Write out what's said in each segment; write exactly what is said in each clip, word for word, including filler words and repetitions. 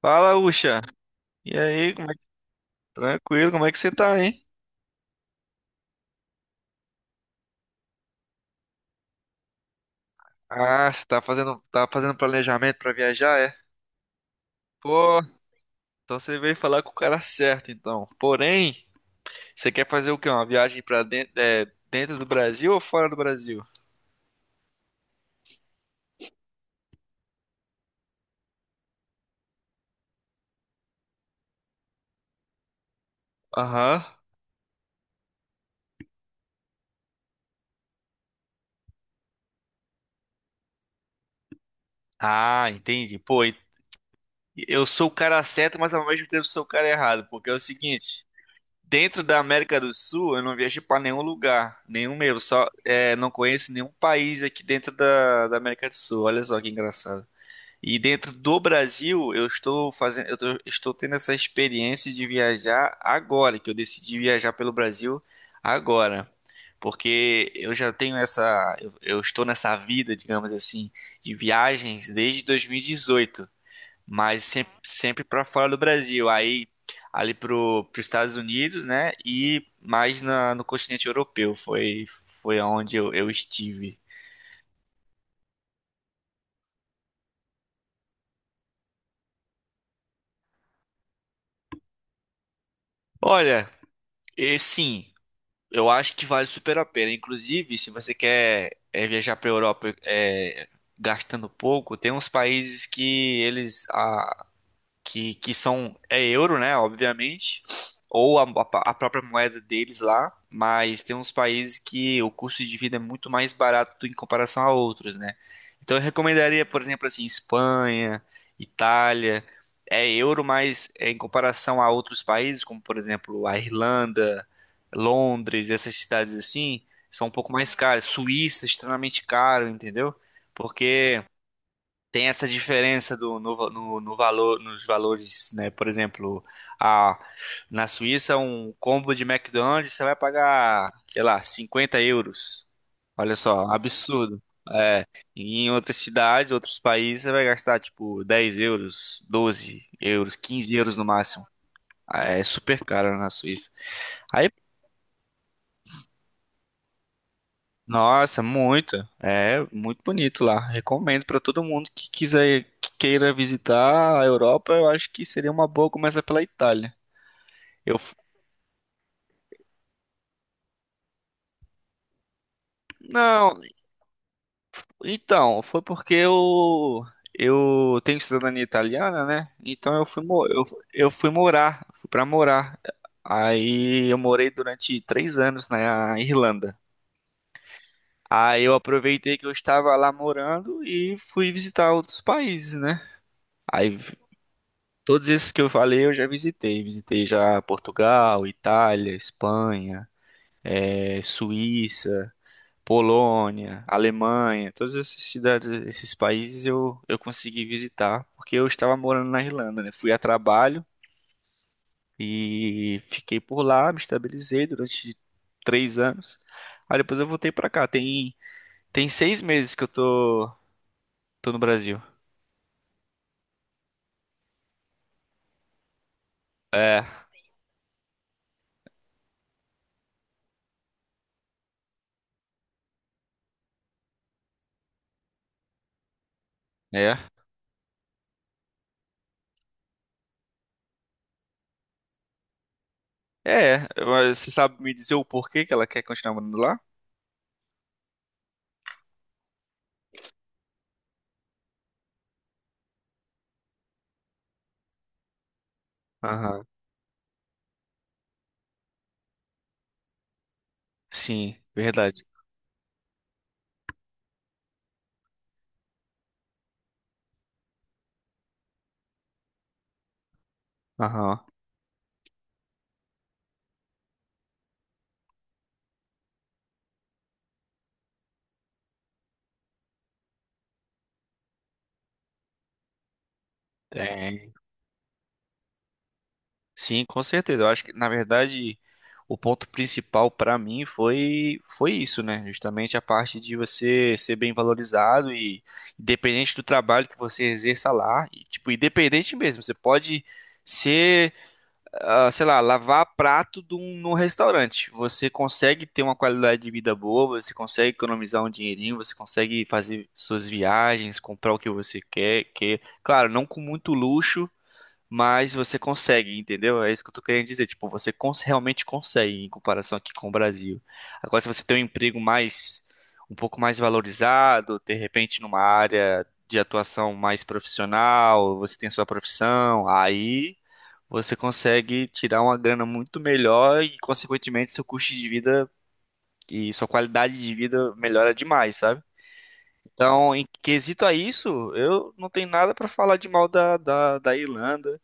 Fala, Ucha. E aí, como é que... tranquilo, como é que você tá, hein? Ah, você tá fazendo, tá fazendo planejamento pra viajar, é? Pô, então você veio falar com o cara certo, então. Porém, você quer fazer o quê? Uma viagem pra dentro, é, dentro do Brasil ou fora do Brasil? Aham. Ah, entendi. Pô, e- eu sou o cara certo, mas ao mesmo tempo sou o cara errado, porque é o seguinte, dentro da América do Sul, eu não viajei pra nenhum lugar, nenhum mesmo, só é, não conheço nenhum país aqui dentro da, da América do Sul. Olha só que engraçado. E dentro do Brasil, eu estou fazendo, eu tô- estou tendo essa experiência de viajar agora, que eu decidi viajar pelo Brasil agora. Porque eu já tenho essa, eu, eu estou nessa vida, digamos assim, de viagens desde dois mil e dezoito, mas sempre, sempre para fora do Brasil. Aí ali para os Estados Unidos, né? E mais na- no continente europeu. Foi, foi onde eu eu estive. Olha, e sim. Eu acho que vale super a pena. Inclusive, se você quer é, viajar para a Europa é, gastando pouco, tem uns países que eles que, que são é euro, né, obviamente, ou a, a própria moeda deles lá, mas tem uns países que o custo de vida é muito mais barato em comparação a outros, né? Então eu recomendaria, por exemplo, assim, Espanha, Itália, é euro, mas é, em comparação a outros países, como por exemplo a Irlanda, Londres, essas cidades assim, são um pouco mais caras. Suíça, extremamente caro, entendeu? Porque tem essa diferença do, no, va- no, no valor, nos valores, né? Por exemplo, a, na Suíça, um combo de McDonald's você vai pagar, sei lá, cinquenta euros. Olha só, absurdo. É, e em outras cidades, outros países, você vai gastar tipo dez euros, doze euros, quinze euros no máximo. Ah, é super caro na Suíça. Aí nossa, muito. É muito bonito lá. Recomendo para todo mundo que quiser, que queira visitar a Europa. Eu acho que seria uma boa começar pela Itália. Eu f- não, então foi porque eu eu tenho cidadania italiana, né? Então eu fui mo- eu, eu fui morar, fui para morar. Aí eu morei durante três anos na Irlanda. Aí eu aproveitei que eu estava lá morando e fui visitar outros países, né? Aí todos esses que eu falei eu já visitei. Visitei já Portugal, Itália, Espanha, eh, Suíça, Polônia, Alemanha. Todas essas cidades, esses países eu, eu consegui visitar porque eu estava morando na Irlanda, né? Fui a trabalho e fiquei por lá, me estabilizei durante três anos. Aí depois eu voltei pra cá. Tem, tem seis meses que eu tô, tô no Brasil. É, é. É, mas você sabe me dizer o porquê que ela quer continuar morando lá? Aham. Sim, verdade. Aham. Tem. Sim, com certeza. Eu acho que, na verdade, o ponto principal pra mim foi foi isso, né? Justamente a parte de você ser bem valorizado e independente do trabalho que você exerça lá, e, tipo, independente mesmo, você pode ser ah, sei lá, lavar prato de um- num restaurante. Você consegue ter uma qualidade de vida boa, você consegue economizar um dinheirinho, você consegue fazer suas viagens, comprar o que você quer, que, claro, não com muito luxo, mas você consegue, entendeu? É isso que eu tô querendo dizer. Tipo, você cons- realmente consegue em comparação aqui com o Brasil. Agora, se você tem um emprego mais, um pouco mais valorizado, de repente numa área de atuação mais profissional, você tem sua profissão, aí você consegue tirar uma grana muito melhor e, consequentemente, seu custo de vida e sua qualidade de vida melhora demais, sabe? Então, em quesito a isso, eu não tenho nada pra falar de mal da, da, da Irlanda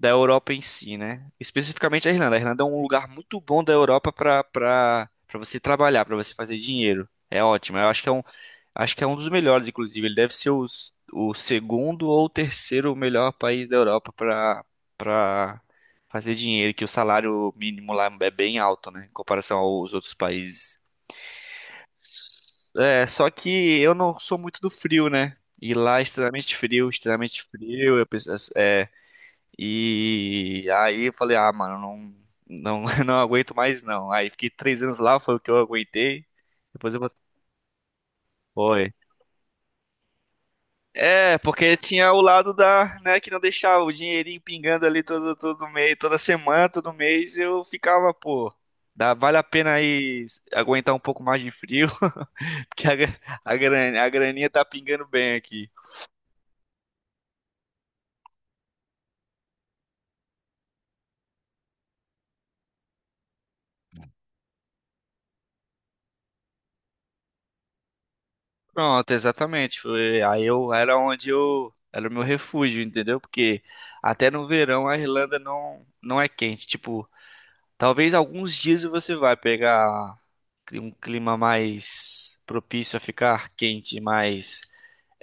da Europa em si, né? Especificamente a Irlanda. A Irlanda é um lugar muito bom da Europa para para para você trabalhar, para você fazer dinheiro. É ótimo. Eu acho que é um acho que é um dos melhores, inclusive. Ele deve ser o, o segundo ou terceiro melhor país da Europa para para fazer dinheiro, que o salário mínimo lá é bem alto, né, em comparação aos outros países. É, só que eu não sou muito do frio, né? E lá é extremamente frio, extremamente frio. Eu penso, é, e aí eu falei, ah, mano, não, não, não aguento mais não. Aí fiquei três anos lá, foi o que eu aguentei. Depois eu botei. Foi. É, porque tinha o lado da, né, que não deixava o dinheirinho pingando ali todo, todo mês, toda semana, todo mês, eu ficava, pô, dá, vale a pena aí aguentar um pouco mais de frio, porque a, gra- a, gran- a graninha tá pingando bem aqui. Pronto, exatamente. Foi, aí eu era onde eu era o meu refúgio, entendeu? Porque até no verão a Irlanda não não é quente. Tipo, talvez alguns dias você vai pegar cli- um clima mais propício a ficar quente, mas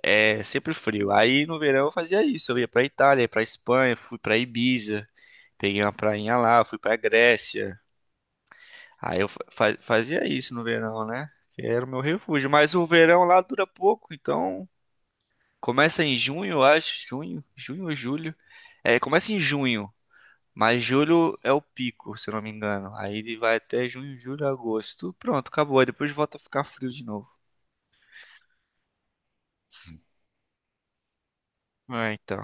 é sempre frio. Aí no verão eu fazia isso. Eu ia pra Itália, ia pra Espanha, fui pra Ibiza, peguei uma prainha lá, fui pra Grécia. Aí eu fa- fa- fazia isso no verão, né? Que era o meu refúgio. Mas o verão lá dura pouco, então começa em junho, eu acho. Junho, junho ou julho? É, começa em junho, mas julho é o pico, se eu não me engano. Aí ele vai até junho, julho, agosto. Pronto, acabou. Aí depois volta a ficar frio de novo. É, então.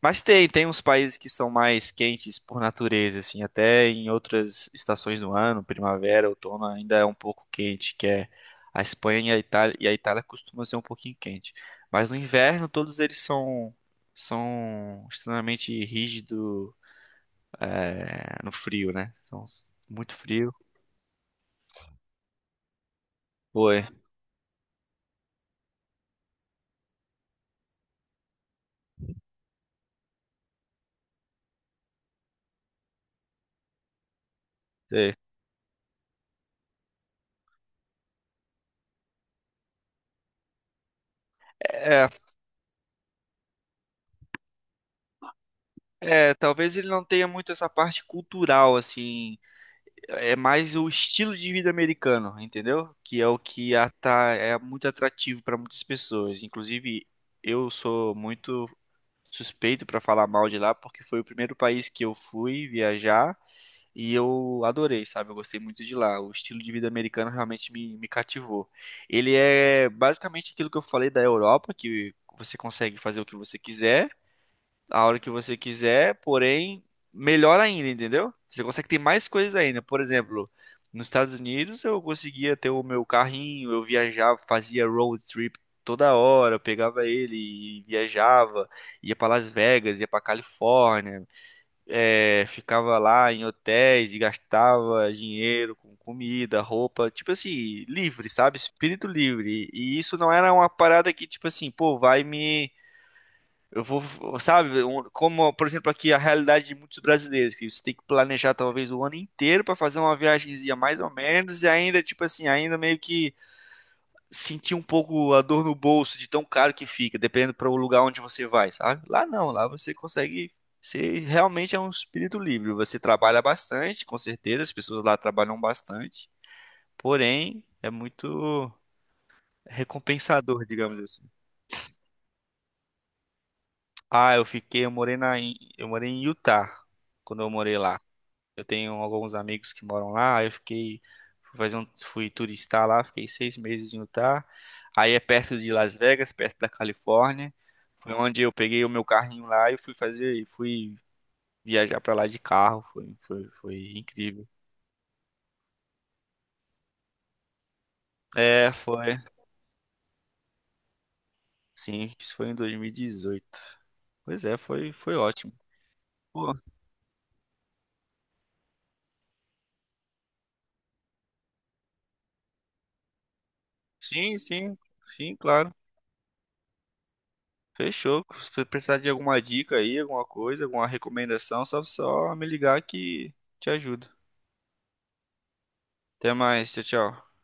Mas tem, tem uns países que são mais quentes por natureza, assim, até em outras estações do ano, primavera, outono, ainda é um pouco quente, que é a Espanha e a Itália, e a Itália costuma ser um pouquinho quente. Mas no inverno todos eles são são extremamente rígidos, é, no frio, né? São muito frio. Foi. Sei. É, é, talvez ele não tenha muito essa parte cultural, assim. É mais o estilo de vida americano, entendeu? Que é o que ata- é muito atrativo para muitas pessoas. Inclusive, eu sou muito suspeito para falar mal de lá, porque foi o primeiro país que eu fui viajar. E eu adorei, sabe? Eu gostei muito de lá. O estilo de vida americano realmente me, me cativou. Ele é basicamente aquilo que eu falei da Europa, que você consegue fazer o que você quiser, a hora que você quiser, porém, melhor ainda, entendeu? Você consegue ter mais coisas ainda. Por exemplo, nos Estados Unidos eu conseguia ter o meu carrinho, eu viajava, fazia road trip toda hora, eu pegava ele e viajava, ia para Las Vegas, ia para Califórnia é, ficava lá em hotéis e gastava dinheiro com comida, roupa, tipo assim, livre, sabe? Espírito livre. E isso não era uma parada que, tipo assim, pô, vai me. Eu vou, sabe? um- Como, por exemplo, aqui a realidade de muitos brasileiros, que você tem que planejar talvez o ano inteiro para fazer uma viagemzinha mais ou menos, e ainda, tipo assim, ainda meio que sentir um pouco a dor no bolso de tão caro que fica, dependendo para o lugar onde você vai, sabe? Lá não, lá você consegue. Você realmente é um espírito livre. Você trabalha bastante, com certeza, as pessoas lá trabalham bastante. Porém, é muito recompensador, digamos assim. Ah, eu fiquei, eu morei na, eu morei em Utah, quando eu morei lá. Eu tenho alguns amigos que moram lá, aí eu fiquei, fui fazer um, fui turistar lá, fiquei seis meses em Utah. Aí é perto de Las Vegas, perto da Califórnia. Foi onde eu peguei o meu carrinho lá e fui fazer, e fui viajar pra lá de carro. Foi, foi, foi incrível. É, foi. Sim, isso foi em dois mil e dezoito. Pois é, foi, foi ótimo. Pô, sim, sim, sim, claro. Fechou. Se você precisar de alguma dica aí, alguma coisa, alguma recomendação, só, só me ligar que te ajudo. Até mais, tchau, tchau.